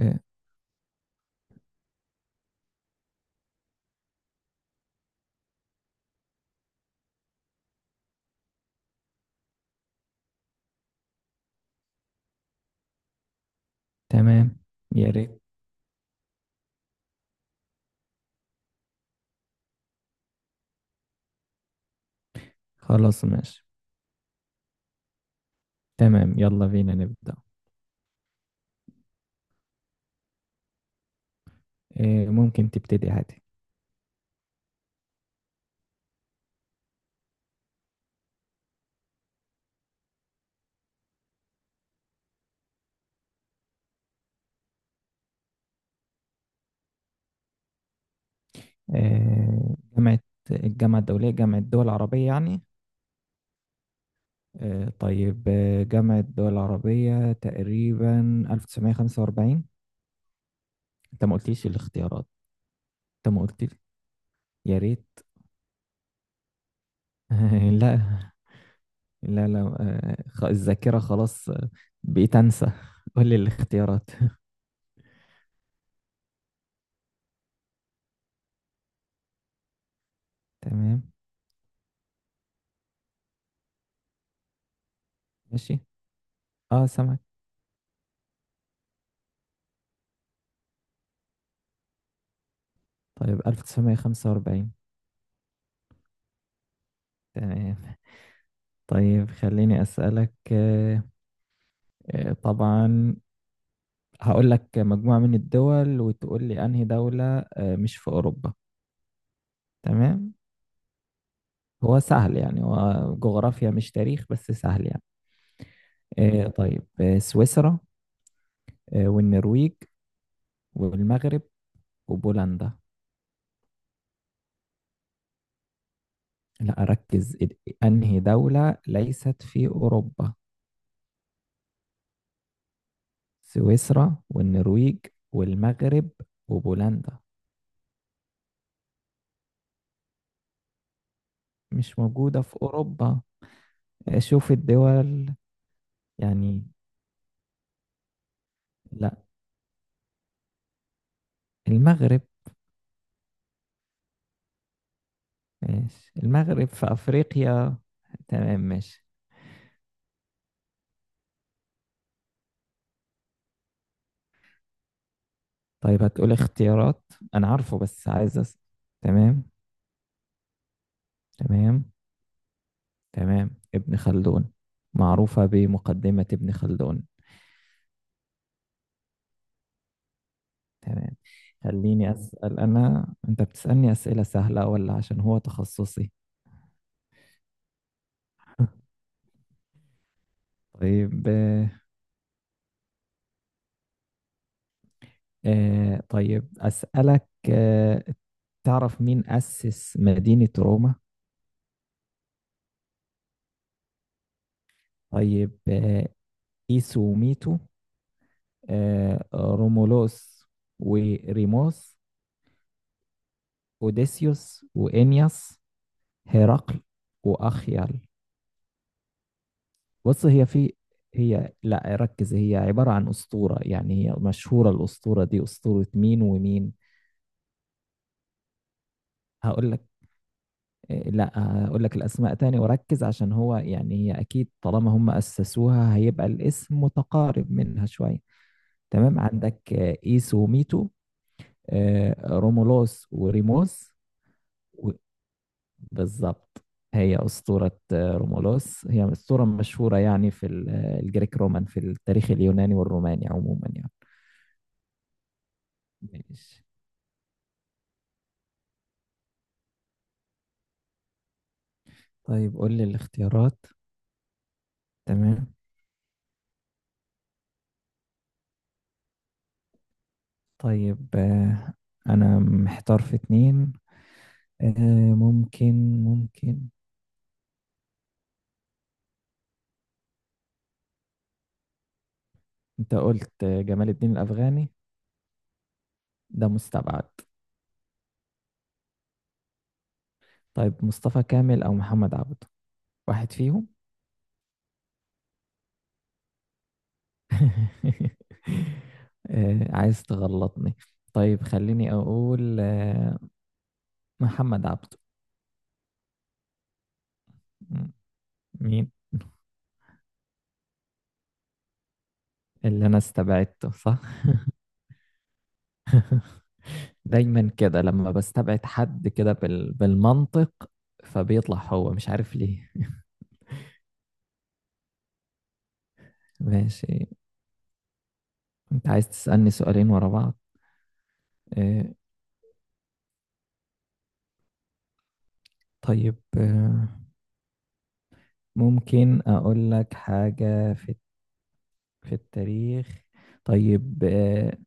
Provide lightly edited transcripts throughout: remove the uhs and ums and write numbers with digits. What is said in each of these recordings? آه، تمام. يا ريت. خلاص ماشي. تمام، يلا بينا نبدأ. ممكن تبتدي عادي. آه، جامعة الجامعة الدولية، جامعة الدول العربية يعني. طيب، جامعة الدول العربية تقريبا 1945. انت ما قلتليش الاختيارات، انت ما قلتلي. يا ريت. لا، لا، لا. الذاكرة خلاص. بقيت انسى. قول لي الاختيارات. تمام ماشي. اه، سامعك. طيب، 1945. تمام، طيب خليني أسألك. طبعا، هقول لك مجموعة من الدول وتقول لي أنهي دولة مش في أوروبا. تمام. هو سهل يعني، هو جغرافيا مش تاريخ بس سهل يعني. طيب، سويسرا، والنرويج، والمغرب، وبولندا. لا، أركز. أنهي دولة ليست في أوروبا؟ سويسرا والنرويج والمغرب وبولندا، مش موجودة في أوروبا. شوف الدول. يعني، لا، المغرب. ماشي، المغرب في أفريقيا. تمام ماشي. طيب هتقول اختيارات. أنا عارفه بس عايز تمام. تمام. تمام، ابن خلدون. معروفة بمقدمة ابن خلدون. تمام. خليني أسأل أنا، أنت بتسألني أسئلة سهلة ولا عشان هو تخصصي؟ طيب آه، طيب أسألك آه، تعرف مين أسس مدينة روما؟ طيب آه، إيسو وميتو، رومولوس وريموس، اوديسيوس وانياس، هرقل، واخيال. بص هي في هي لا، ركز. هي عبارة عن أسطورة يعني، هي مشهورة الأسطورة دي، أسطورة مين ومين؟ هقول لك. لا، هقول لك الأسماء تاني وركز عشان هو يعني، هي أكيد طالما هم أسسوها هيبقى الاسم متقارب منها شوية. تمام، عندك إيس وميتو، رومولوس وريموس. بالضبط. هي أسطورة رومولوس، هي أسطورة مشهورة يعني، في الجريك رومان، في التاريخ اليوناني والروماني عموما يعني. ماشي. طيب قول لي الاختيارات. تمام. طيب، أنا محتار في اتنين. ممكن. أنت قلت جمال الدين الأفغاني، ده مستبعد. طيب، مصطفى كامل أو محمد عبده، واحد فيهم. عايز تغلطني. طيب خليني أقول محمد عبده. مم. مين؟ اللي انا استبعدته صح. دايما كده لما بستبعد حد كده بالمنطق، فبيطلع هو، مش عارف ليه. ماشي. انت عايز تسألني سؤالين ورا بعض؟ اه. طيب اه، ممكن اقول لك حاجة في التاريخ. طيب اه،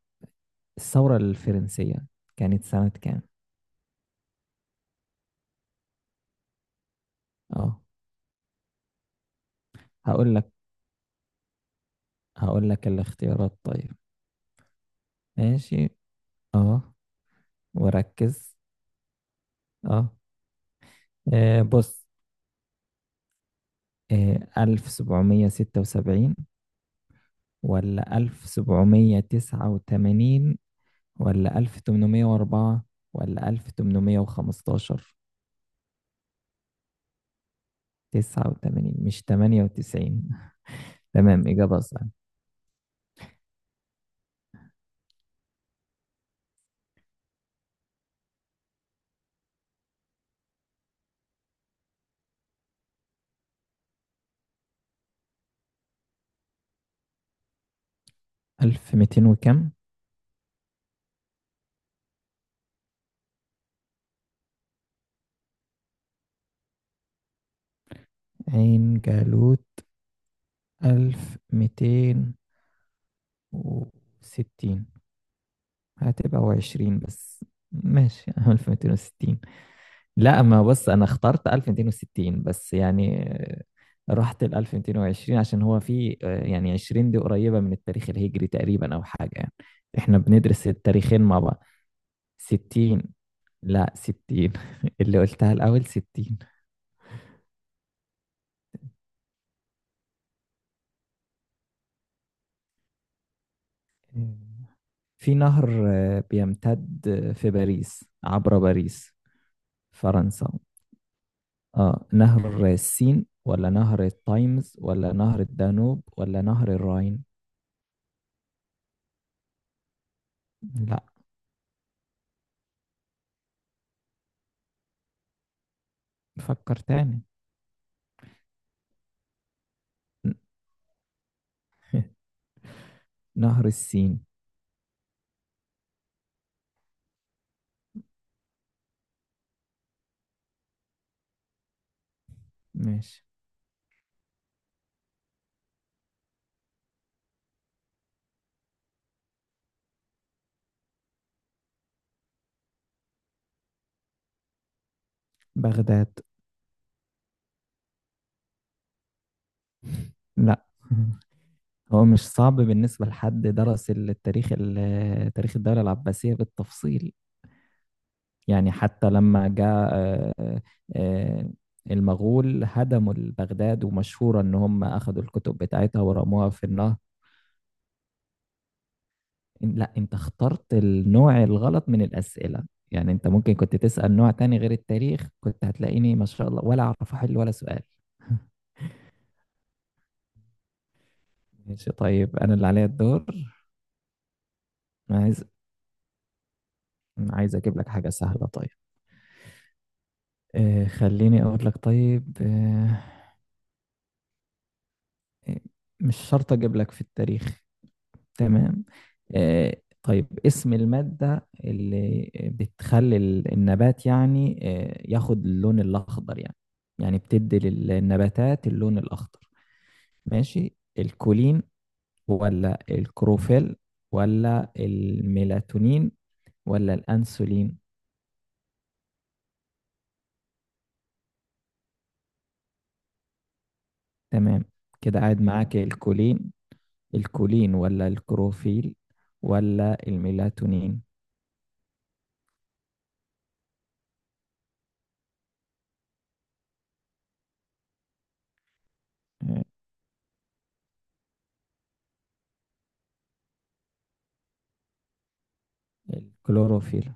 الثورة الفرنسية كانت سنة كام؟ اه، هقول لك هقول لك الاختيارات طيب. ماشي. اه. وركز. اه. بص، 1776، ولا 1789، ولا 1804، ولا 1815. تسعة وتمانين مش تمانية وتسعين. تمام، إجابة صح. ألف ميتين وكم؟ عين جالوت 1260. هتبقى وعشرين بس. ماشي، 1260. لا، ما بص انا اخترت 1260 بس يعني، رحت ل 1220 عشان هو في يعني 20 دي قريبة من التاريخ الهجري تقريبا او حاجة يعني. احنا بندرس التاريخين مع بعض. 60. لا، 60. اللي قلتها الاول 60. في نهر بيمتد في باريس، عبر باريس فرنسا. اه، نهر السين ولا نهر التايمز ولا نهر الدانوب ولا نهر الراين. لا، فكر تاني. نهر السين. ماشي. بغداد. لا. هو مش صعب بالنسبة لحد درس التاريخ، تاريخ الدولة العباسية بالتفصيل يعني. حتى لما جاء آه، المغول هدموا بغداد، ومشهورة إن هم أخذوا الكتب بتاعتها ورموها في النهر. لا، أنت اخترت النوع الغلط من الأسئلة يعني. أنت ممكن كنت تسأل نوع تاني غير التاريخ، كنت هتلاقيني ما شاء الله ولا أعرف أحل ولا سؤال. ماشي طيب، أنا اللي عليا الدور. أنا عايز أنا عايز أجيب لك حاجة سهلة طيب. آه، خليني أقول لك طيب آه، مش شرط أجيب لك في التاريخ. تمام. آه، طيب اسم المادة اللي بتخلي النبات يعني آه ياخد اللون الأخضر يعني، يعني بتدي للنباتات اللون الأخضر. ماشي، الكولين، ولا الكروفيل، ولا الميلاتونين، ولا الأنسولين. تمام، كده قاعد معاك الكولين. الكولين ولا الكروفيل، ولا الميلاتونين. آه، الكلوروفيل.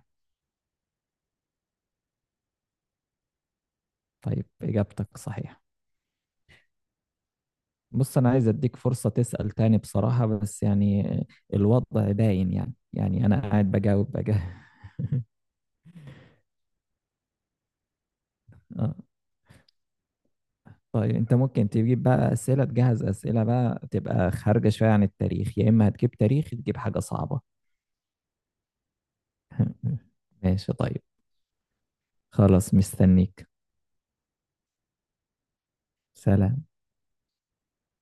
طيب، إجابتك صحيحة. بص، أنا عايز أديك فرصة تسأل تاني بصراحة، بس يعني الوضع باين يعني، أنا قاعد بجاوب بجاوب. آه. طيب، أنت ممكن تجيب بقى أسئلة، تجهز أسئلة بقى تبقى خارجة شوية عن التاريخ، يا إما هتجيب تاريخ تجيب حاجة صعبة. ماشي طيب. خلاص مستنيك. سلام.